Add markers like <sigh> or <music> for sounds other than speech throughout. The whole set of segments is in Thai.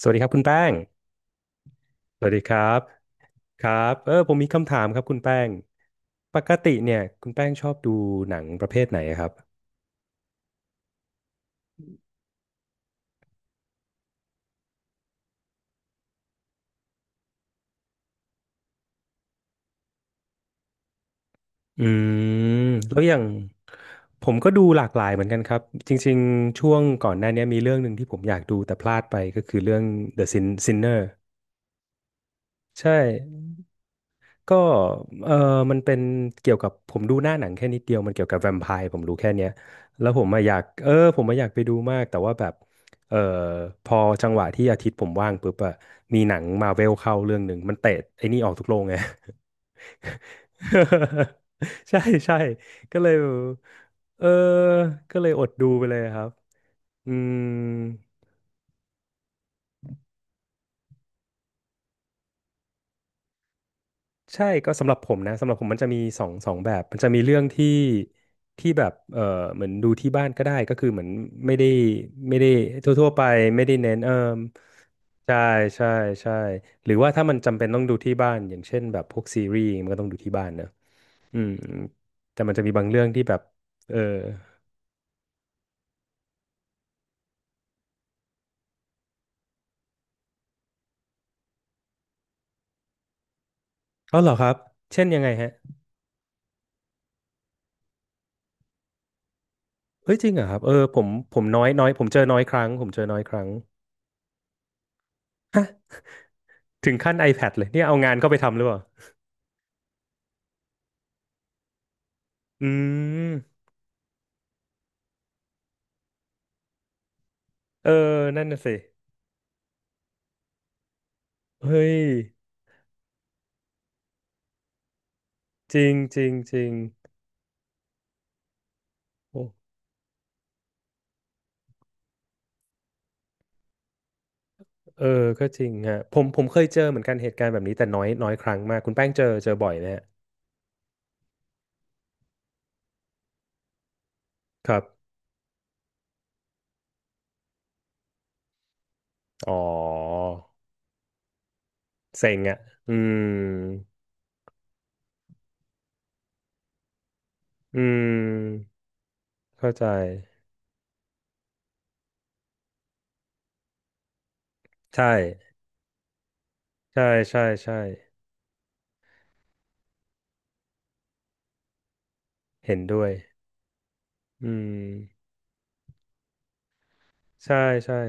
สวัสดีครับคุณแป้ง สวัสดีครับ ครับ ผมมีคำถามครับคุณแป้ง ปกติเนี่ยคุณแป้งชอบดูหนังประเภทไหนครับ อืแล้วอย่างผมก็ดูหลากหลายเหมือนกันครับ จริงๆช่วงก่อนหน้านี้มีเรื่องหนึ่งที่ผมอยากดูแต่พลาดไปก็คือเรื่อง The Sin Sinner ใช่ ก็เออมันเป็นเกี่ยวกับผมดูหน้าหนังแค่นิดเดียวมันเกี่ยวกับแวมไพร์ผมรู้แค่เนี้ยแล้วผมมาอะอยากเออผมมาอะอยากไปดูมากแต่ว่าแบบเออพอจังหวะที่อาทิตย์ผมว่างปุ๊บอะมีหนังมาเวลเข้าเรื่องหนึ่งมันเตะไอ้นี่ออกทุกโรงไง <laughs> ใช่ใช่ก็เลยเออก็เลยอดดูไปเลยครับอืม ใช่ก็สำหรับผมนะสำหรับผมมันจะมีสองแบบมันจะมีเรื่องที่แบบเหมือนดูที่บ้านก็ได้ก็คือเหมือนไม่ได้ไม่ได้ทั่วๆไปไม่ได้เน้นใช่ใช่ใช่หรือว่าถ้ามันจำเป็นต้องดูที่บ้านอย่างเช่นแบบพวกซีรีส์มันก็ต้องดูที่บ้านเนอะอืมแต่มันจะมีบางเรื่องที่แบบเออเอาเหรอครับเช่นยังไงฮะเอ้ยจริงเหรอครับผมน้อยน้อยผมเจอน้อยครั้งผมเจอน้อยครั้งถึงขั้น iPad เลยเนี่ยเอางานเข้าไปทำหรือเปล่าอืม เออ นั่นน่ะสิเฮ้ยจริงจริงจริงโอ้เออก็จริงฮะผมเคยเจอเหมือนกันเหตุการณ์แบบนี้แต่น้อยน้อยครั้งมากคุณแป้งเจอบ่อยไหมฮะครับ อ๋อ เซ็งอ่ะ อืมอืมเข้าใจ ใช่ใช่ใช่เห็นด้วย อืมใช่ใช่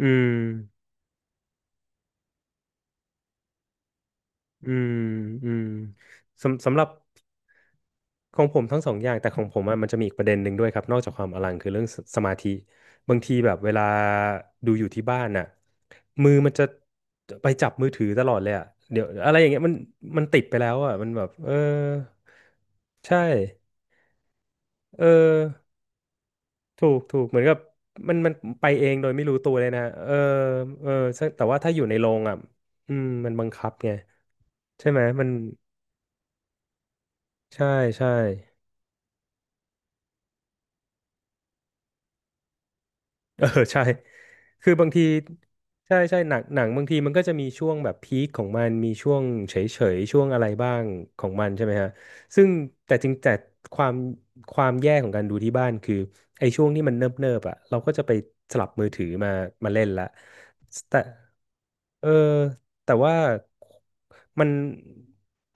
อืมอืมอืมสำหรับ ของผมทั้งสองอย่างแต่ของผมอะมันจะมีอีกประเด็นหนึ่งด้วยครับนอกจากความอลังคือเรื่องสมาธิบางทีแบบเวลาดูอยู่ที่บ้านน่ะมือมันจะไปจับมือถือตลอดเลยอะเดี๋ยวอะไรอย่างเงี้ยมันติดไปแล้วอะมันแบบใช่เออถูกเหมือนกับมันไปเองโดยไม่รู้ตัวเลยนะเออซึ่งแต่ว่าถ้าอยู่ในโรงอ่ะอืมมันบังคับไงใช่ไหมมันใช่ใช่ เออใช่คือบางทีใช่หนังบางทีมันก็จะมีช่วงแบบพีคของมันมีช่วงเฉยช่วงอะไรบ้างของมันใช่ไหมฮะซึ่งแต่จริงแต่ความความแย่ของการดูที่บ้านคือไอ้ช่วงที่มันเนิบอ่ะเราก็จะไปสลับมือถือมาเล่นละแต่เออแต่ว่ามัน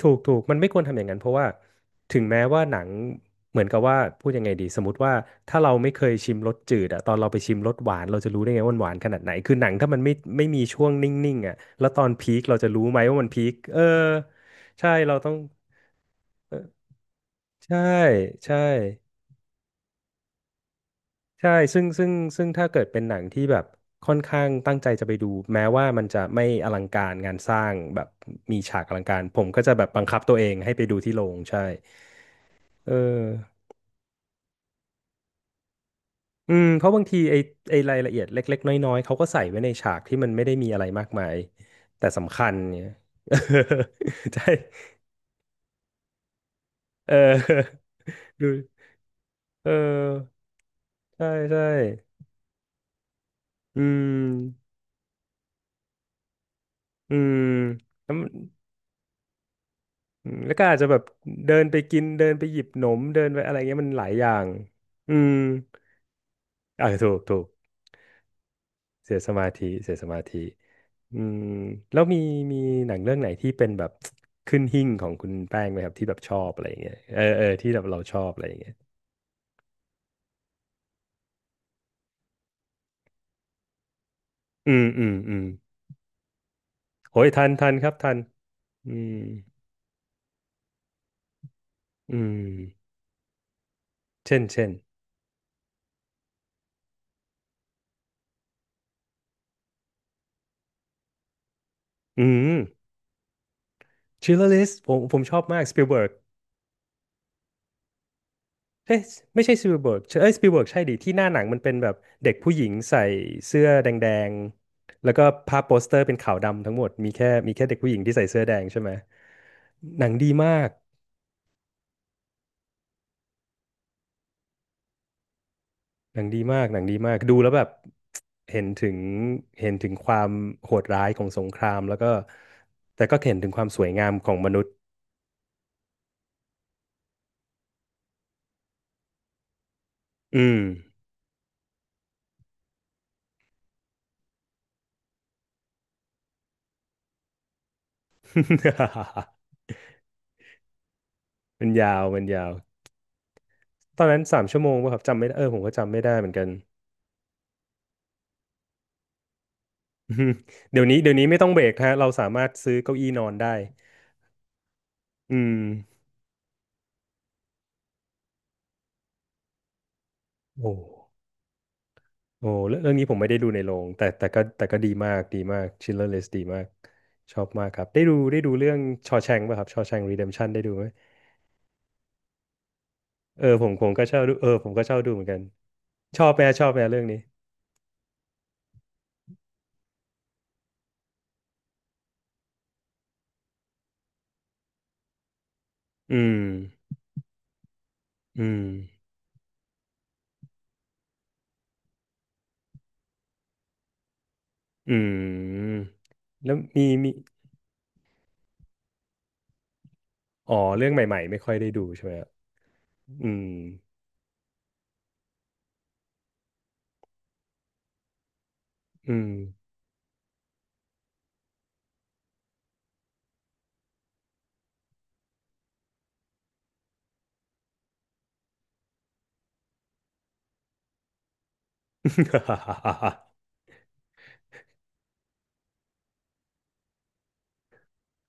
ถูกมันไม่ควรทำอย่างนั้นเพราะว่า ถึงแม้ว่าหนังเหมือนกับว่าพูดยังไงดีสมมติว่าถ้าเราไม่เคยชิมรสจืดอะตอนเราไปชิมรสหวานเราจะรู้ได้ไงว่ามันหวานขนาดไหนคือหนังถ้ามันไม่มีช่วงนิ่งๆอะแล้วตอนพีคเราจะรู้ไหมว่ามันพีคใช่เราต้องใช่ใช่ใช่ซึ่งถ้าเกิดเป็นหนังที่แบบค่อนข้างตั้งใจจะไปดูแม้ว่ามันจะไม่อลังการงานสร้างแบบมีฉากอลังการผมก็จะแบบบังคับตัวเองให้ไปดูที่โรงใช่เออ อืมเพราะบางทีไอ้รายละเอียดเล็กๆน้อยๆเขาก็ใส่ไว้ในฉากที่มันไม่ได้มีอะไรมากมายแต่สำคัญเนี่ย <laughs> ใช่เออ <laughs> ดูเออใช่ใช่อืมอืมแล้วมันอืมแล้วก็อาจจะแบบเดินไปกินเดินไปหยิบหนมเดินไปอะไรเงี้ยมันหลายอย่างอืมอ่าถูก เสียสมาธิอืมแล้วมีหนังเรื่องไหนที่เป็นแบบ <tsk> ขึ้นหิ้งของคุณแป้งไหมครับที่แบบชอบอะไรอย่างเงี้ยเออที่แบบเราชอบอะไรอย่างเงี้ยอืมโอ้ยทันครับทันอืมอืมเช่นอืมชิลเลอร์ลิสผมชอบมากสปิลเบิร์ก เอ้ยไม่ใช่สปีลเบิร์กเอ้ยสปีลเบิร์กใช่ดิที่หน้าหนังมันเป็นแบบเด็กผู้หญิงใส่เสื้อแดงๆแล้วก็ภาพโปสเตอร์เป็นขาวดำทั้งหมดมีแค่เด็กผู้หญิงที่ใส่เสื้อแดงใช่ไหมหนังดีมากหนังดีมากหนังดีมากดูแล้วแบบเห็นถึงเห็นถึงความโหดร้ายของสงครามแล้วก็แต่ก็เห็นถึงความสวยงามของมนุษย์อืม <laughs> มันยาวตอนนั้น3 ชั่วโมงป่ะครับจำไม่ได้เออผมก็จำไม่ได้เหมือนกัน <laughs> อืมเดี๋ยวนี้เดี๋ยวนี้ไม่ต้องเบรกฮะเราสามารถซื้อเก้าอี้นอนได้อืมโอ้โอ้เรื่องนี้ผมไม่ได้ดูในโรงแต่ก็ดีมากดีมาก Schindler List ดีมากชอบมากครับได้ดูเรื่องชอ a ชงป่ะครับชอแชง Redemption ได้ดูไหมเออผมก็ชอบดูเออผมก็ชอบดูเหมือนกันชอบแหมชอบแหมเรื่องนี้อืมอืมอืมแล้วมีมีอ๋อเรื่องใหม่ๆไม่ค่อยได้ดูใช่ไหมครับอืมอืม <laughs>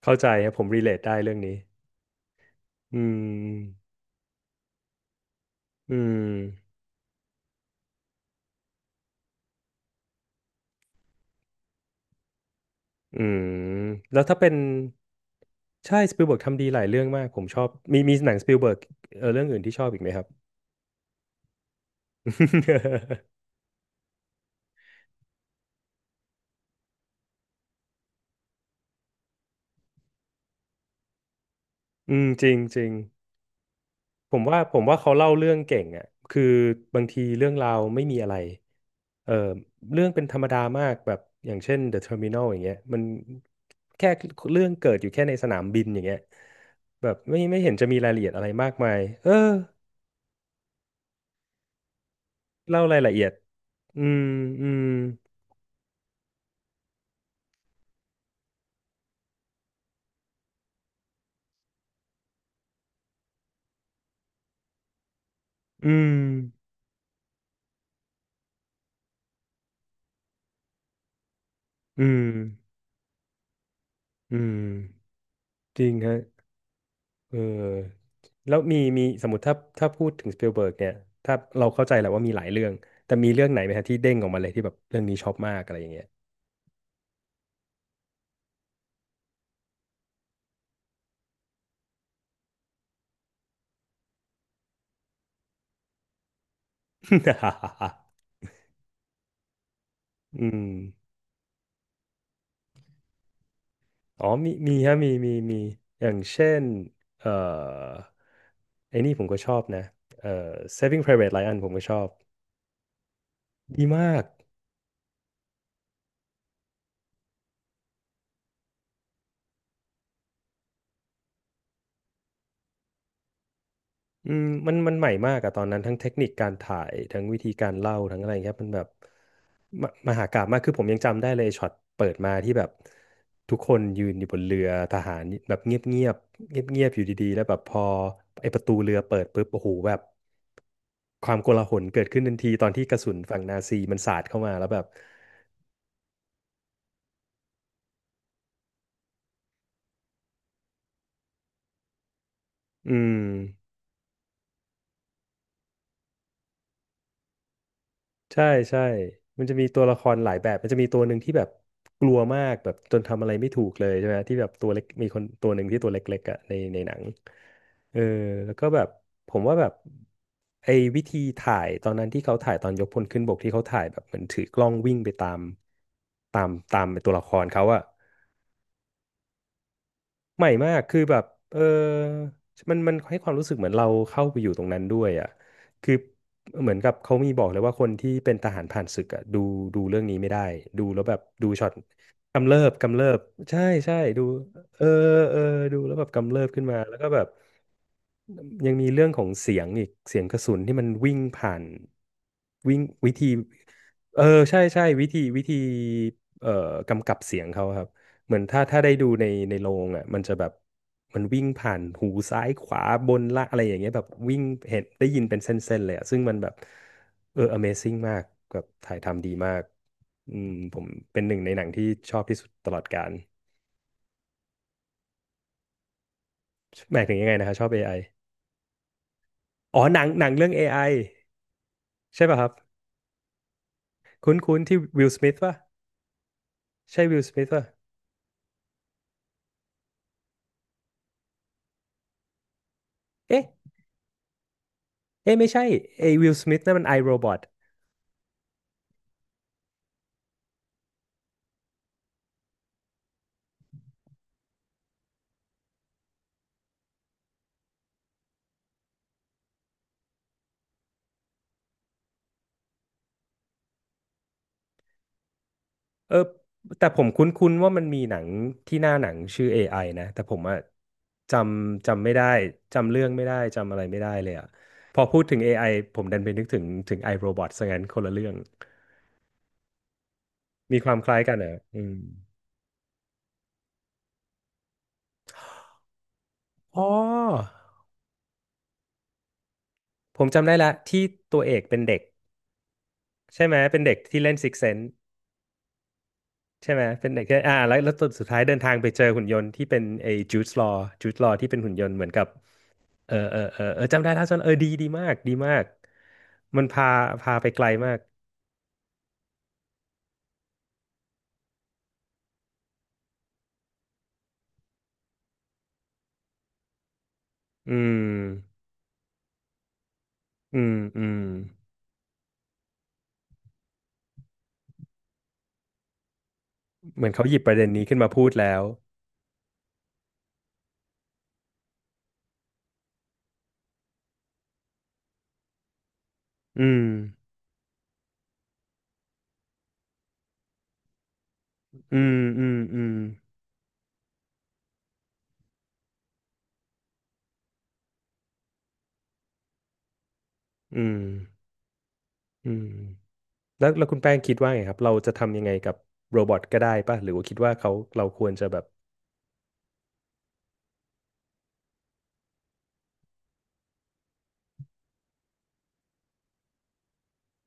เข้าใจครับผมรีเลทได้เรื่องนี้ อืมอืมอืมแล้วถ้าเป็นใช่สปิลเบิร์กทำดีหลายเรื่องมากผมชอบมีมีหนังสปิลเบิร์กเออเรื่องอื่นที่ชอบอีกไหมครับ <laughs> อืมจริงจริงผมว่าเขาเล่าเรื่องเก่งอ่ะคือบางทีเรื่องราวไม่มีอะไรเออเรื่องเป็นธรรมดามากแบบอย่างเช่น The Terminal อย่างเงี้ยมันแค่เรื่องเกิดอยู่แค่ในสนามบินอย่างเงี้ยแบบไม่เห็นจะมีรายละเอียดอะไรมากมายเออเล่ารายละเอียดอืมอืม อืม อืม อืม จริงฮะ เออ แล้วมีมีสมมติถ้าพูดถึงสปิลเบิร์กเนี่ย ถ้าเราเข้าใจแหละว่ามีหลายเรื่อง แต่มีเรื่องไหนไหมฮะที่เด้งออกมาเลยที่แบบเรื่องนี้ชอบมากอะไรอย่างเงี้ย <laughs> อืม อ๋อ มีมีฮะมี มี มี อย่างเช่น เอ่อ ไอ้นี่ผมก็ชอบนะเอ่อ Saving Private Ryan ผมก็ชอบ ดีมากอืมมันใหม่มากอะตอนนั้นทั้งเทคนิคการถ่ายทั้งวิธีการเล่าทั้งอะไรเงี้ยมันแบบ มมหากาพย์มากคือผมยังจำได้เลยช็อตเปิดมาที่แบบทุกคนยืนอยู่บนเรือทหารแบบเงียบเงียบเงียบเงียบๆอยู่ดีๆแล้วแบบพอไอ้ประตูเรือเปิดปุ๊บโอ้โหแบบความโกลาหลเกิดขึ้นทันทีตอนที่กระสุนฝั่งนาซีมันสาดเข้ามาแล้วแบบอืม ใช่ใช่มันจะมีตัวละครหลายแบบ มันจะมีตัวหนึ่งที่แบบกลัวมากแบบจนทำอะไรไม่ถูกเลยใช่ไหมที่แบบตัวเล็กมีคนตัวหนึ่งที่ตัวเล็กๆอ่ะในหนังเออแล้วก็แบบผมว่าแบบไอ้วิธีถ่ายตอนนั้นที่เขาถ่ายตอนยกพลขึ้นบกที่เขาถ่ายแบบเหมือนถือกล้องวิ่งไปตามตามตัวละครเขาอะ ใหม่มากคือแบบเออมันมันให้ความรู้สึกเหมือนเราเข้าไปอยู่ตรงนั้นด้วยอ่ะคือเหมือนกับเขามีบอกเลยว่าคนที่เป็นทหารผ่านศึกอ่ะดูดูเรื่องนี้ไม่ได้ดูแล้วแบบดูช็อตกำเริบกำเริบใช่ใช่ดูเออเออดูแล้วแบบกำเริบขึ้นมาแล้วก็แบบยังมีเรื่องของเสียงอีกเสียงกระสุนที่มันวิ่งผ่านวิ่งวิธีเออใช่ใช่วิธีวิธีเอ่อกำกับเสียงเขาครับ เหมือนถ้าได้ดูในโรงอ่ะมันจะแบบมันวิ่งผ่านหูซ้ายขวาบนล่างอะไรอย่างเงี้ยแบบวิ่งเห็นได้ยินเป็นเส้นๆเลยอ่ะซึ่งมันแบบเออ Amazing มากแบบถ่ายทำดีมากอืมผมเป็นหนึ่งในหนังที่ชอบที่สุดตลอดกาลหมายถึงยังไงนะครับชอบ AI อไออ๋อหนังเรื่อง AI ใช่ป่ะครับคุ้นคุ้นที่วิลสมิธป่ะใช่วิลสมิธป่ะเอ๊ะเอ๊ะไม่ใช่ไอ้วิลสมิธนั่นมันไอโรบอท เออแต่ผมคุ้นๆว่ามันมีหนังที่หน้าหนังชื่อ AI นะแต่ผมอะจำจำไม่ได้จำเรื่องไม่ได้จำอะไรไม่ได้เลยอะพอพูดถึง AI ผมดันไปนึกถึง iRobot ซะงั้นคนละเรื่องมีความคล้ายกันเหรออืมอ๋อผมจำได้ละที่ตัวเอกเป็นเด็กใช่ไหมเป็นเด็กที่เล่น Six Sense ใช่ไหมเป็นเด็กที่อ่าแล้วแล้วตอนสุดท้ายเดินทางไปเจอหุ่นยนต์ที่เป็นไอ้จูดลอว์ที่เป็นหุ่นยนต์เหมือนกับ เออเออเออเออจำได้ท่าส้นเออดีดีมากดีมากมันพาพาไปไกลมากอืมอืมอืมเหมือนเขาหยิบประเด็นนี้ขึ้นมาพูดแล้วอืมอืมอืมอืมอืมอืมแล้วคุณแป้งคิดว่าไงครับเราจะทำยังไงกับโรบอทก็ได้ป่ะหรือว่าคิดว่าเขาเราควรจะแบบ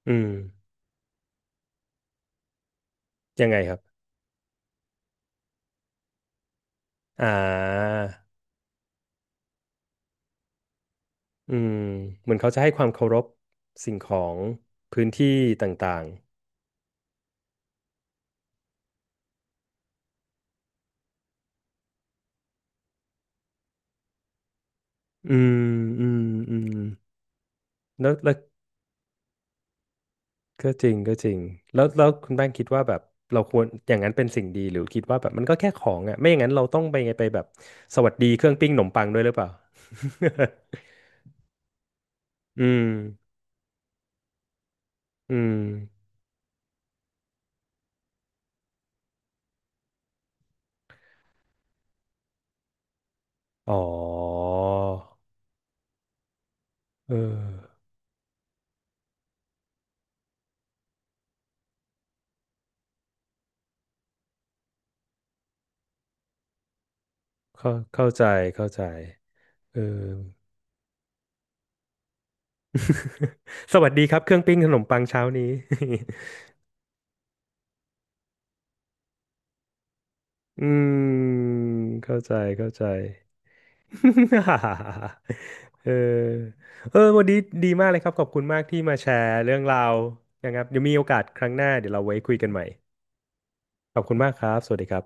อืมยังไงครับอ่าอืมเหมือนเขาจะให้ความเคารพสิ่งของพื้นที่ต่างๆอืมอืมอืมแล้วแล้ว ก็จริงก็จริงแล้วคุณแป้งคิดว่าแบบเราควรอย่างนั้นเป็นสิ่งดีหรือคิดว่าแบบมันก็แค่ของอ่ะไม่อย่างนั้นเราต้องไปไงไปแบบสวัสดีเครื่องปิ้งขนมปังด้วยหรือเปล่า <laughs> อืมอืมอ๋อเออเข้าเข้าใจเข้าใจเออ <laughs> สวัสดีครับเครื่องปิ้งขนมปังเช้านี้ <laughs> อืมเข้าใจเข้าใจ <laughs> เออเออวันนี้ดีมากเลยครับขอบคุณมากที่มาแชร์เรื่องราวนะครับเดี๋ยวมีโอกาสครั้งหน้าเดี๋ยวเราไว้คุยกันใหม่ขอบคุณมากครับสวัสดีครับ